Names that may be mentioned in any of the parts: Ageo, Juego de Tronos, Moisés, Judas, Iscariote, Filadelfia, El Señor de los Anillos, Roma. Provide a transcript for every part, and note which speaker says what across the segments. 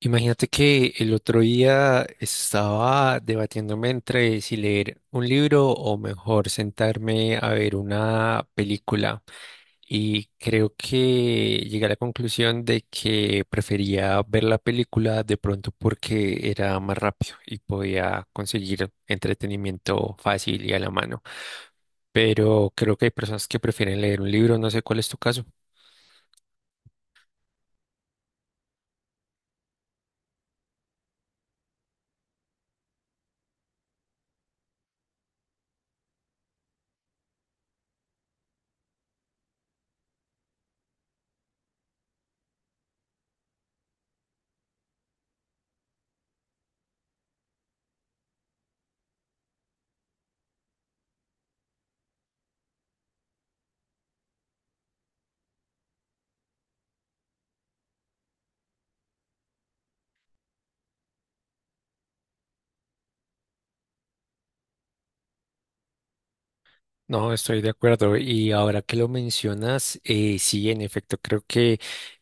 Speaker 1: Imagínate que el otro día estaba debatiéndome entre si leer un libro o mejor sentarme a ver una película y creo que llegué a la conclusión de que prefería ver la película de pronto porque era más rápido y podía conseguir entretenimiento fácil y a la mano. Pero creo que hay personas que prefieren leer un libro, no sé cuál es tu caso. No, estoy de acuerdo. Y ahora que lo mencionas, sí, en efecto, creo que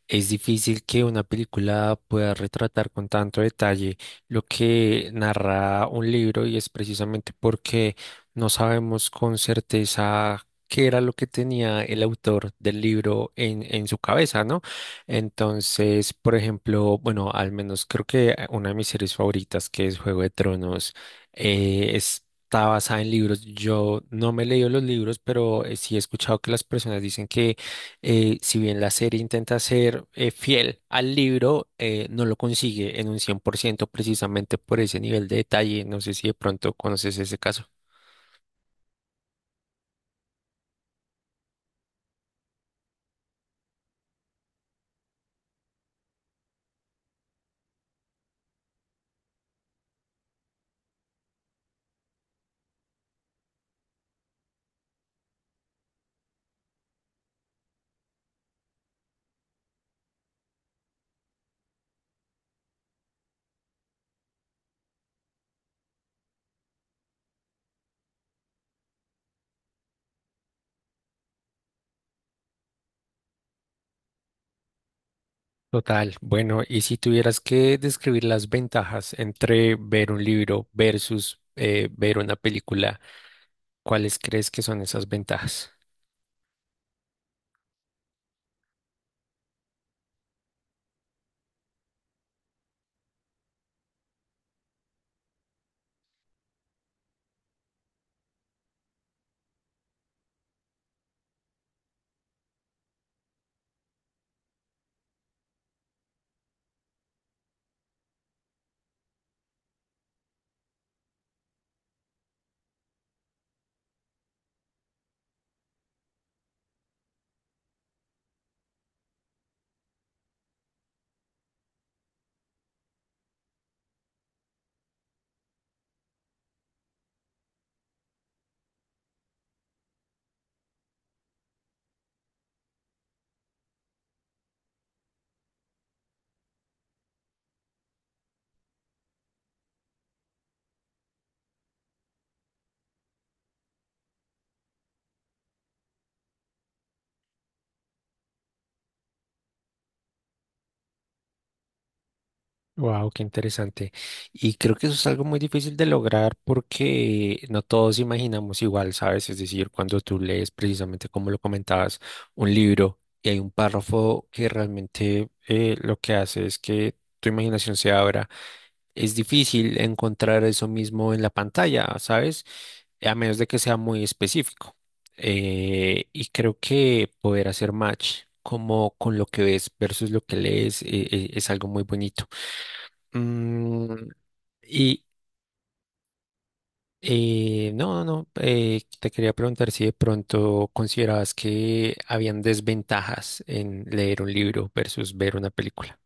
Speaker 1: es difícil que una película pueda retratar con tanto detalle lo que narra un libro, y es precisamente porque no sabemos con certeza qué era lo que tenía el autor del libro en su cabeza, ¿no? Entonces, por ejemplo, bueno, al menos creo que una de mis series favoritas, que es Juego de Tronos, eh, es... está basada en libros. Yo no me he leído los libros, pero sí he escuchado que las personas dicen que si bien la serie intenta ser fiel al libro, no lo consigue en un 100% precisamente por ese nivel de detalle. No sé si de pronto conoces ese caso. Total, bueno, y si tuvieras que describir las ventajas entre ver un libro versus ver una película, ¿cuáles crees que son esas ventajas? Wow, qué interesante. Y creo que eso es algo muy difícil de lograr porque no todos imaginamos igual, ¿sabes? Es decir, cuando tú lees precisamente como lo comentabas, un libro y hay un párrafo que realmente lo que hace es que tu imaginación se abra, es difícil encontrar eso mismo en la pantalla, ¿sabes? A menos de que sea muy específico. Y creo que poder hacer match como con lo que ves versus lo que lees es algo muy bonito. Mm, y no, no, no, te quería preguntar si de pronto considerabas que habían desventajas en leer un libro versus ver una película.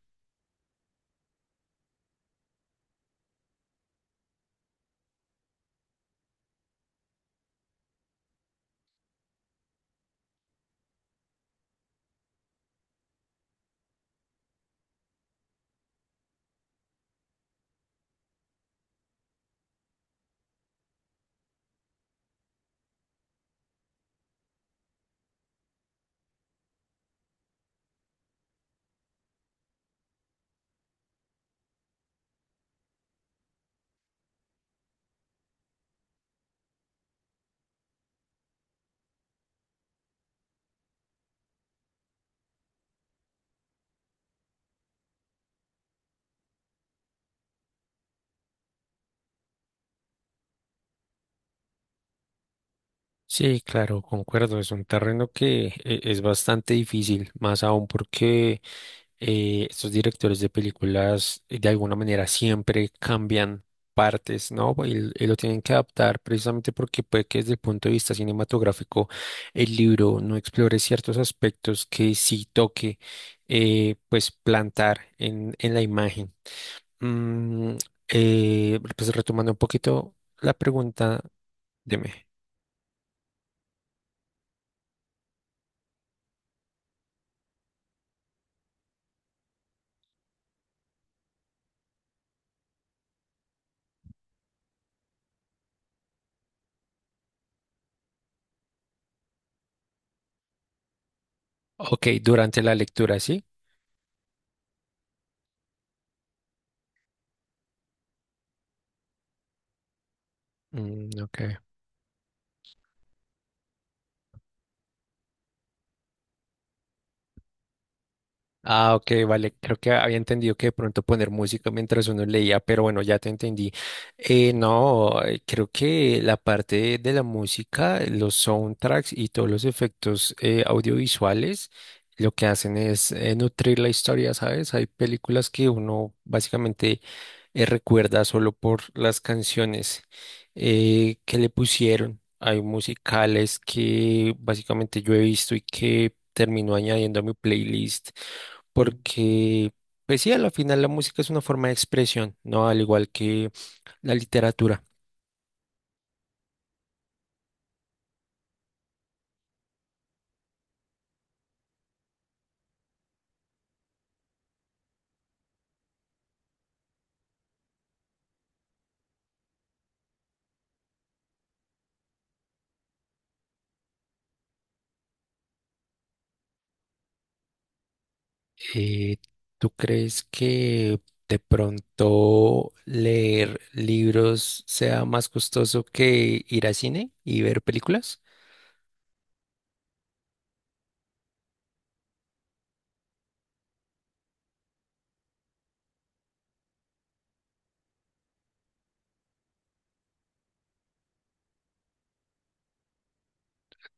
Speaker 1: Sí, claro, concuerdo, es un terreno que es bastante difícil, más aún porque estos directores de películas de alguna manera siempre cambian partes, ¿no? Y lo tienen que adaptar precisamente porque puede que desde el punto de vista cinematográfico el libro no explore ciertos aspectos que sí toque, pues, plantar en la imagen. Mm, pues retomando un poquito la pregunta, dime. Ok, durante la lectura, ¿sí? Mm, ok. Ah, ok, vale. Creo que había entendido que de pronto poner música mientras uno leía, pero bueno, ya te entendí. No, creo que la parte de la música, los soundtracks y todos los efectos audiovisuales, lo que hacen es nutrir la historia, ¿sabes? Hay películas que uno básicamente recuerda solo por las canciones que le pusieron. Hay musicales que básicamente yo he visto y que termino añadiendo a mi playlist porque, pues sí, a la final la música es una forma de expresión, ¿no? Al igual que la literatura. Eh, ¿Tú crees que de pronto leer libros sea más costoso que ir a cine y ver películas?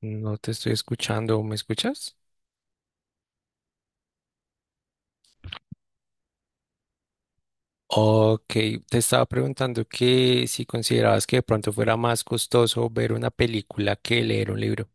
Speaker 1: No te estoy escuchando, ¿me escuchas? Ok, te estaba preguntando que si considerabas que de pronto fuera más costoso ver una película que leer un libro.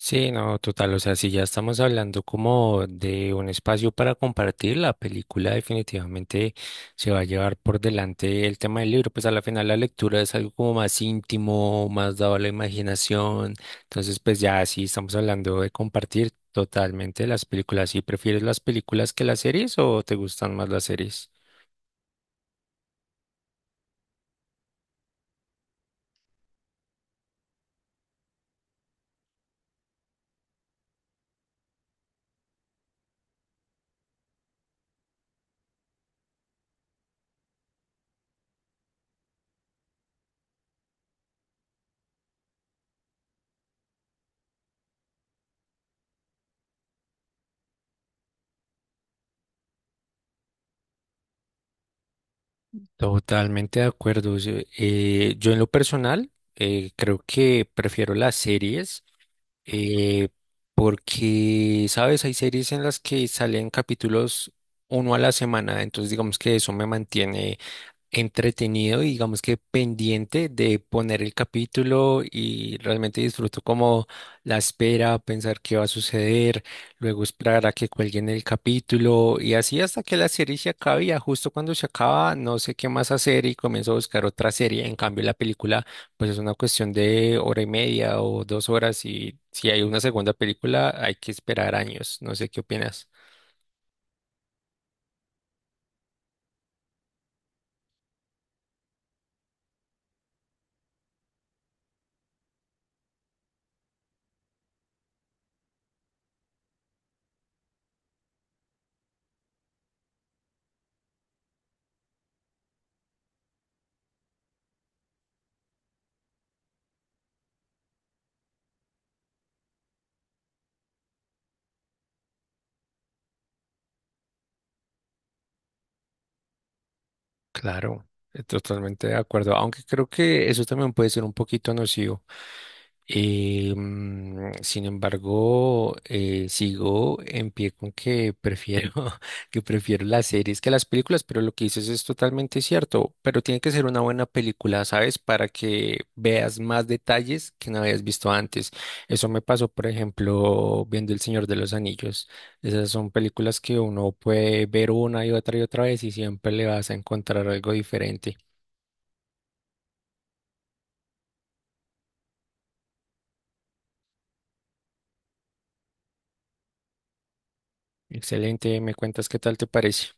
Speaker 1: Sí, no, total, o sea, si ya estamos hablando como de un espacio para compartir, la película definitivamente se va a llevar por delante el tema del libro, pues a la final la lectura es algo como más íntimo, más dado a la imaginación, entonces pues ya sí estamos hablando de compartir totalmente las películas. ¿Y prefieres las películas que las series o te gustan más las series? Totalmente de acuerdo. Yo en lo personal creo que prefiero las series eh, porque, sabes, hay series en las que salen capítulos uno a la semana, entonces digamos que eso me mantiene entretenido y digamos que pendiente de poner el capítulo y realmente disfruto como la espera, pensar qué va a suceder, luego esperar a que cuelguen el capítulo y así hasta que la serie se acabe, y ya justo cuando se acaba no sé qué más hacer y comienzo a buscar otra serie. En cambio la película pues es una cuestión de hora y media o 2 horas, y si hay una segunda película hay que esperar años. No sé qué opinas. Claro, totalmente de acuerdo, aunque creo que eso también puede ser un poquito nocivo. Sin embargo, sigo en pie con que prefiero, que prefiero las series que las películas, pero lo que dices es totalmente cierto, pero tiene que ser una buena película, ¿sabes? Para que veas más detalles que no habías visto antes. Eso me pasó, por ejemplo, viendo El Señor de los Anillos. Esas son películas que uno puede ver una y otra vez y siempre le vas a encontrar algo diferente. Excelente, me cuentas qué tal te parece.